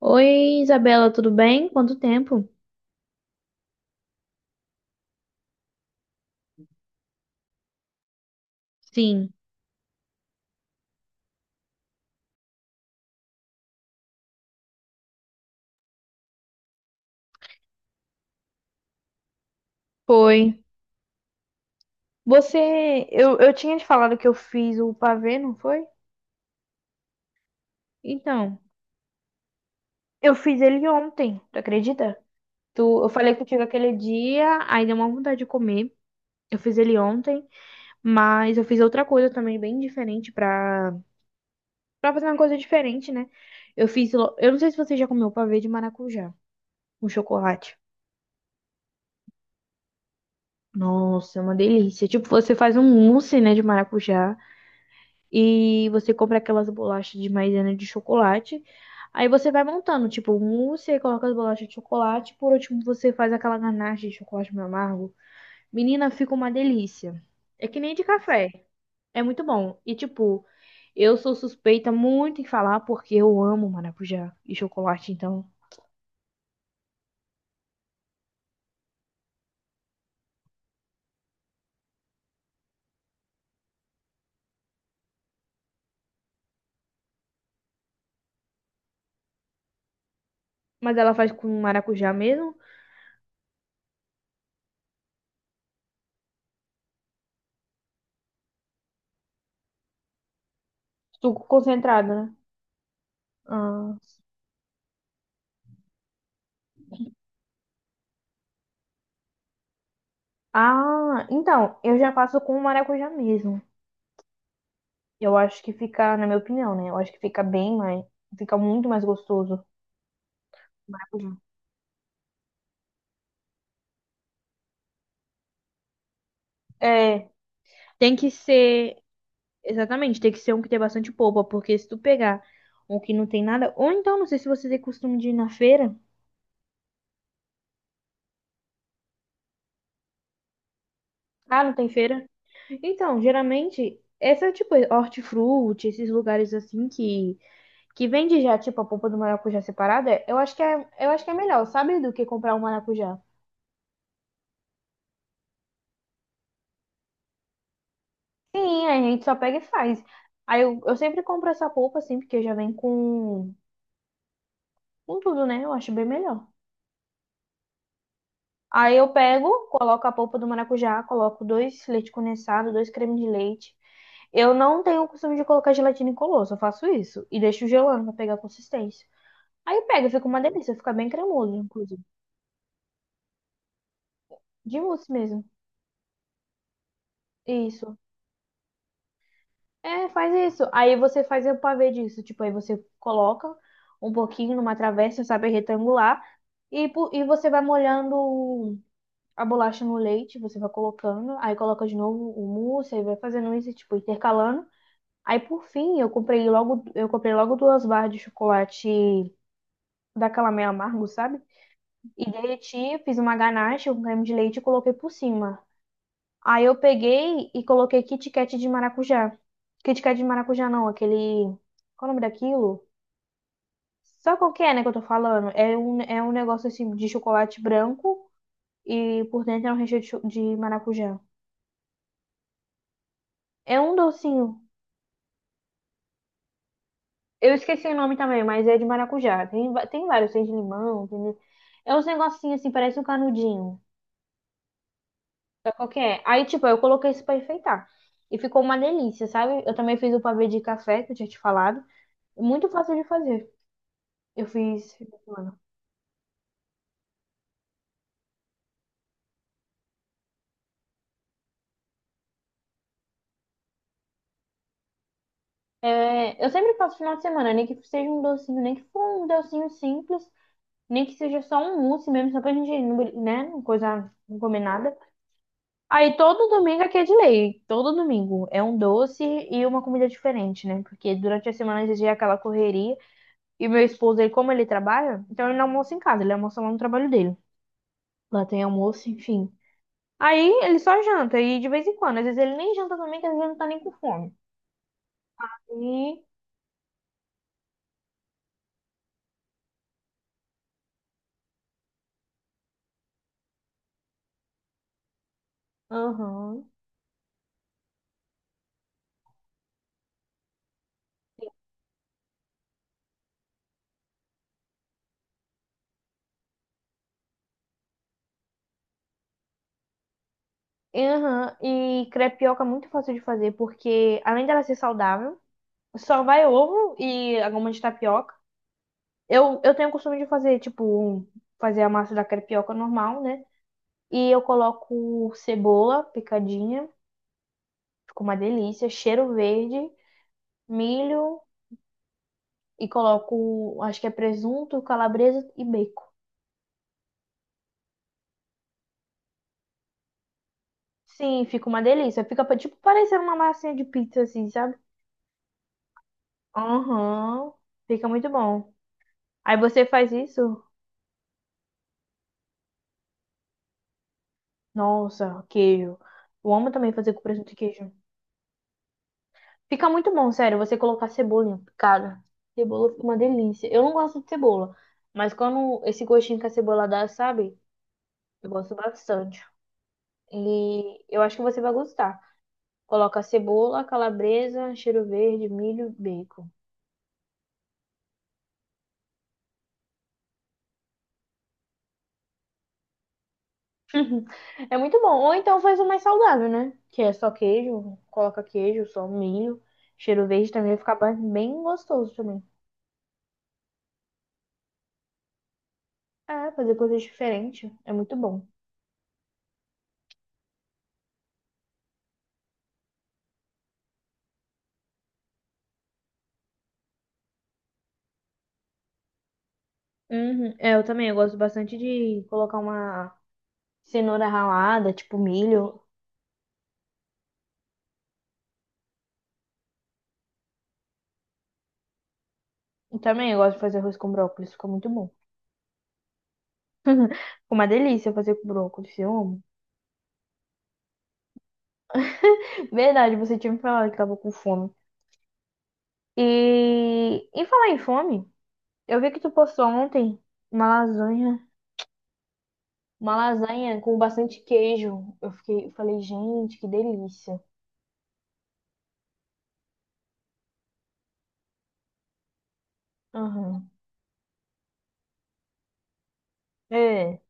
Oi, Isabela, tudo bem? Quanto tempo? Sim, foi. Eu tinha te falado que eu fiz o pavê, não foi? Então, eu fiz ele ontem, tu acredita? Eu falei contigo aquele dia, aí deu uma vontade de comer. Eu fiz ele ontem, mas eu fiz outra coisa também bem diferente pra fazer uma coisa diferente, né? Eu não sei se você já comeu pavê de maracujá, com chocolate. Nossa, é uma delícia. Tipo, você faz um mousse, né, de maracujá. E você compra aquelas bolachas de maisena de chocolate. Aí você vai montando, tipo, o mousse, aí coloca as bolachas de chocolate. Por último, você faz aquela ganache de chocolate meio amargo. Menina, fica uma delícia. É que nem de café. É muito bom. E, tipo, eu sou suspeita muito em falar porque eu amo maracujá e chocolate, então. Mas ela faz com maracujá mesmo? Suco concentrado, né? Ah, ah, então, eu já faço com maracujá mesmo. Eu acho que fica, na minha opinião, né? Eu acho que fica fica muito mais gostoso. Maracujá. É, tem que ser, exatamente, tem que ser um que tem bastante polpa, porque se tu pegar um que não tem nada, ou então, não sei se você tem costume de ir na feira. Ah, não tem feira? Então, geralmente, essa, tipo, hortifruti, esses lugares assim que vende já, tipo, a polpa do maracujá separada, eu acho que é melhor, sabe? Do que comprar um maracujá. Sim, a gente só pega e faz. Aí eu sempre compro essa polpa assim, porque já vem com tudo, né? Eu acho bem melhor. Aí eu pego, coloco a polpa do maracujá, coloco dois leite condensado, dois creme de leite. Eu não tenho o costume de colocar gelatina incolor, só faço isso. E deixo gelando pra pegar a consistência. Aí pega, fica uma delícia, fica bem cremoso, inclusive. De mousse mesmo. Isso. É, faz isso. Aí você faz o pavê disso. Tipo, aí você coloca um pouquinho numa travessa, sabe, retangular. E você vai molhando a bolacha no leite, você vai colocando. Aí coloca de novo o mousse, aí vai fazendo isso, tipo, intercalando. Aí, por fim, eu comprei logo duas barras de chocolate daquela meio amargo, sabe? E derreti, fiz uma ganache com creme de leite e coloquei por cima. Aí eu peguei e coloquei Kit Kat de maracujá. Kit Kat de maracujá não, aquele. Qual é o nome daquilo? Sabe qual que é, né, que eu tô falando? É um negócio assim de chocolate branco e por dentro é um recheio de maracujá. É um docinho. Eu esqueci o nome também, mas é de maracujá. Tem vários, tem de limão, tem de- É uns negocinhos assim, parece um canudinho. Sabe qual que é? Aí, tipo, eu coloquei isso pra enfeitar. E ficou uma delícia, sabe? Eu também fiz o pavê de café, que eu tinha te falado. Muito fácil de fazer. Eu fiz final de semana. É, eu sempre faço final de semana, nem que seja um docinho, nem que for um docinho simples, nem que seja só um mousse mesmo, só pra gente, né, não coisa, não comer nada. Aí todo domingo aqui é de lei, todo domingo é um doce e uma comida diferente, né? Porque durante a semana a gente é aquela correria e meu esposo, ele, como ele trabalha, então ele não almoça em casa, ele almoça lá no trabalho dele. Lá tem almoço, enfim. Aí ele só janta e de vez em quando, às vezes ele nem janta também, que às vezes ele não tá nem com fome. E, aham. Aham, e crepioca é muito fácil de fazer, porque além dela ser saudável, só vai ovo e a goma de tapioca. Eu tenho o costume de fazer, tipo, fazer a massa da crepioca normal, né? E eu coloco cebola picadinha, fica uma delícia, cheiro verde, milho e coloco, acho que é presunto, calabresa e bacon. Sim, fica uma delícia. Tipo parecendo uma massinha de pizza, assim, sabe? Aham, fica muito bom. Aí você faz isso. Nossa, queijo. Eu amo também fazer com presunto e queijo. Fica muito bom, sério, você colocar cebolinha. Cara, cebola fica uma delícia. Eu não gosto de cebola, mas quando esse gostinho que a cebola dá, sabe? Eu gosto bastante. E eu acho que você vai gostar. Coloca cebola, calabresa, cheiro verde, milho, bacon. É muito bom. Ou então faz o mais saudável, né? Que é só queijo, coloca queijo, só milho. Cheiro verde também vai ficar bem gostoso também. É, fazer coisas diferentes é muito bom. Uhum. É, eu também, eu gosto bastante de colocar uma cenoura ralada, tipo milho. Eu também, eu gosto de fazer arroz com brócolis, fica muito bom. Fica uma delícia fazer com brócolis, eu amo. Verdade, você tinha me falado que tava com fome. E em falar em fome, eu vi que tu postou ontem uma lasanha, uma lasanha com bastante queijo. Eu fiquei, eu falei, gente, que delícia. Aham. É.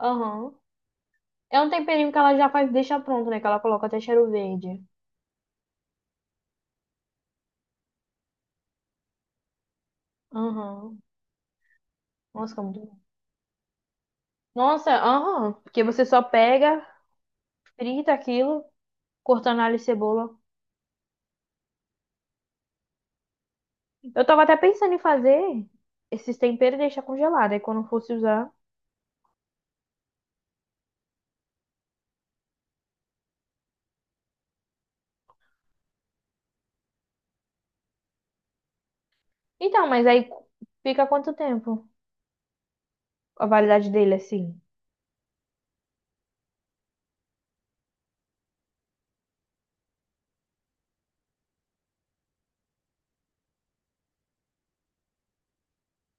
Aham. É um temperinho que ela já faz, deixa pronto, né? Que ela coloca até cheiro verde. Aham. Nossa, fica muito. Nossa, aham, porque você só pega, frita aquilo, cortando alho e cebola. Eu tava até pensando em fazer esses temperos e deixar congelado, aí quando fosse usar. Então, mas aí fica quanto tempo a validade dele, assim?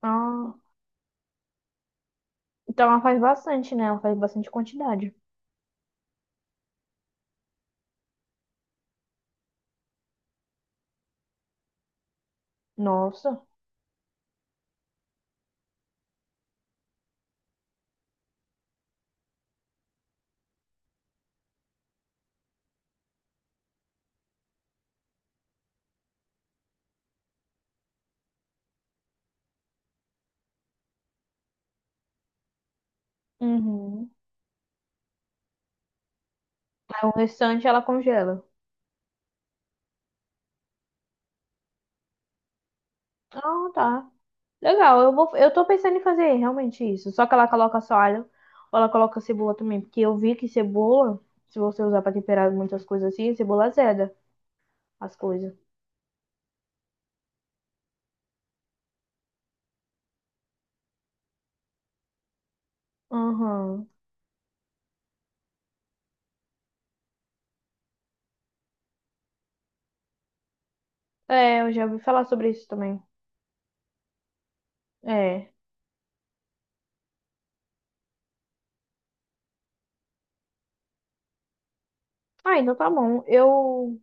Ah, então ela faz bastante, né? Ela faz bastante quantidade. Nossa. Uhum. Então o restante ela congela. Ah, tá. Legal, eu tô pensando em fazer realmente isso. Só que ela coloca só alho, ou ela coloca cebola também, porque eu vi que cebola, se você usar pra temperar muitas coisas assim, cebola azeda as coisas. Aham. É, eu já ouvi falar sobre isso também. É. Ah, então tá bom. Eu.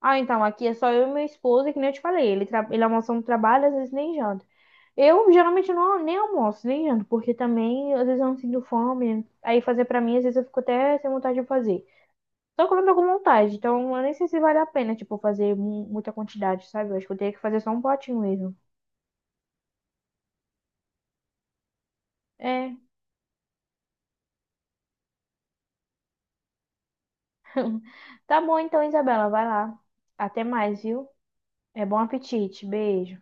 Ah, então, aqui é só eu e meu esposo, e que nem eu te falei. Ele, tra... ele almoça no trabalho, às vezes nem janta. Eu geralmente não nem almoço, nem janto, porque também às vezes eu não sinto fome. Aí fazer pra mim, às vezes eu fico até sem vontade de fazer. Só que eu não tô com vontade, então eu nem sei se vale a pena, tipo, fazer muita quantidade, sabe? Eu acho que eu teria que fazer só um potinho mesmo. É. Tá bom então, Isabela, vai lá. Até mais, viu? É bom apetite. Beijo.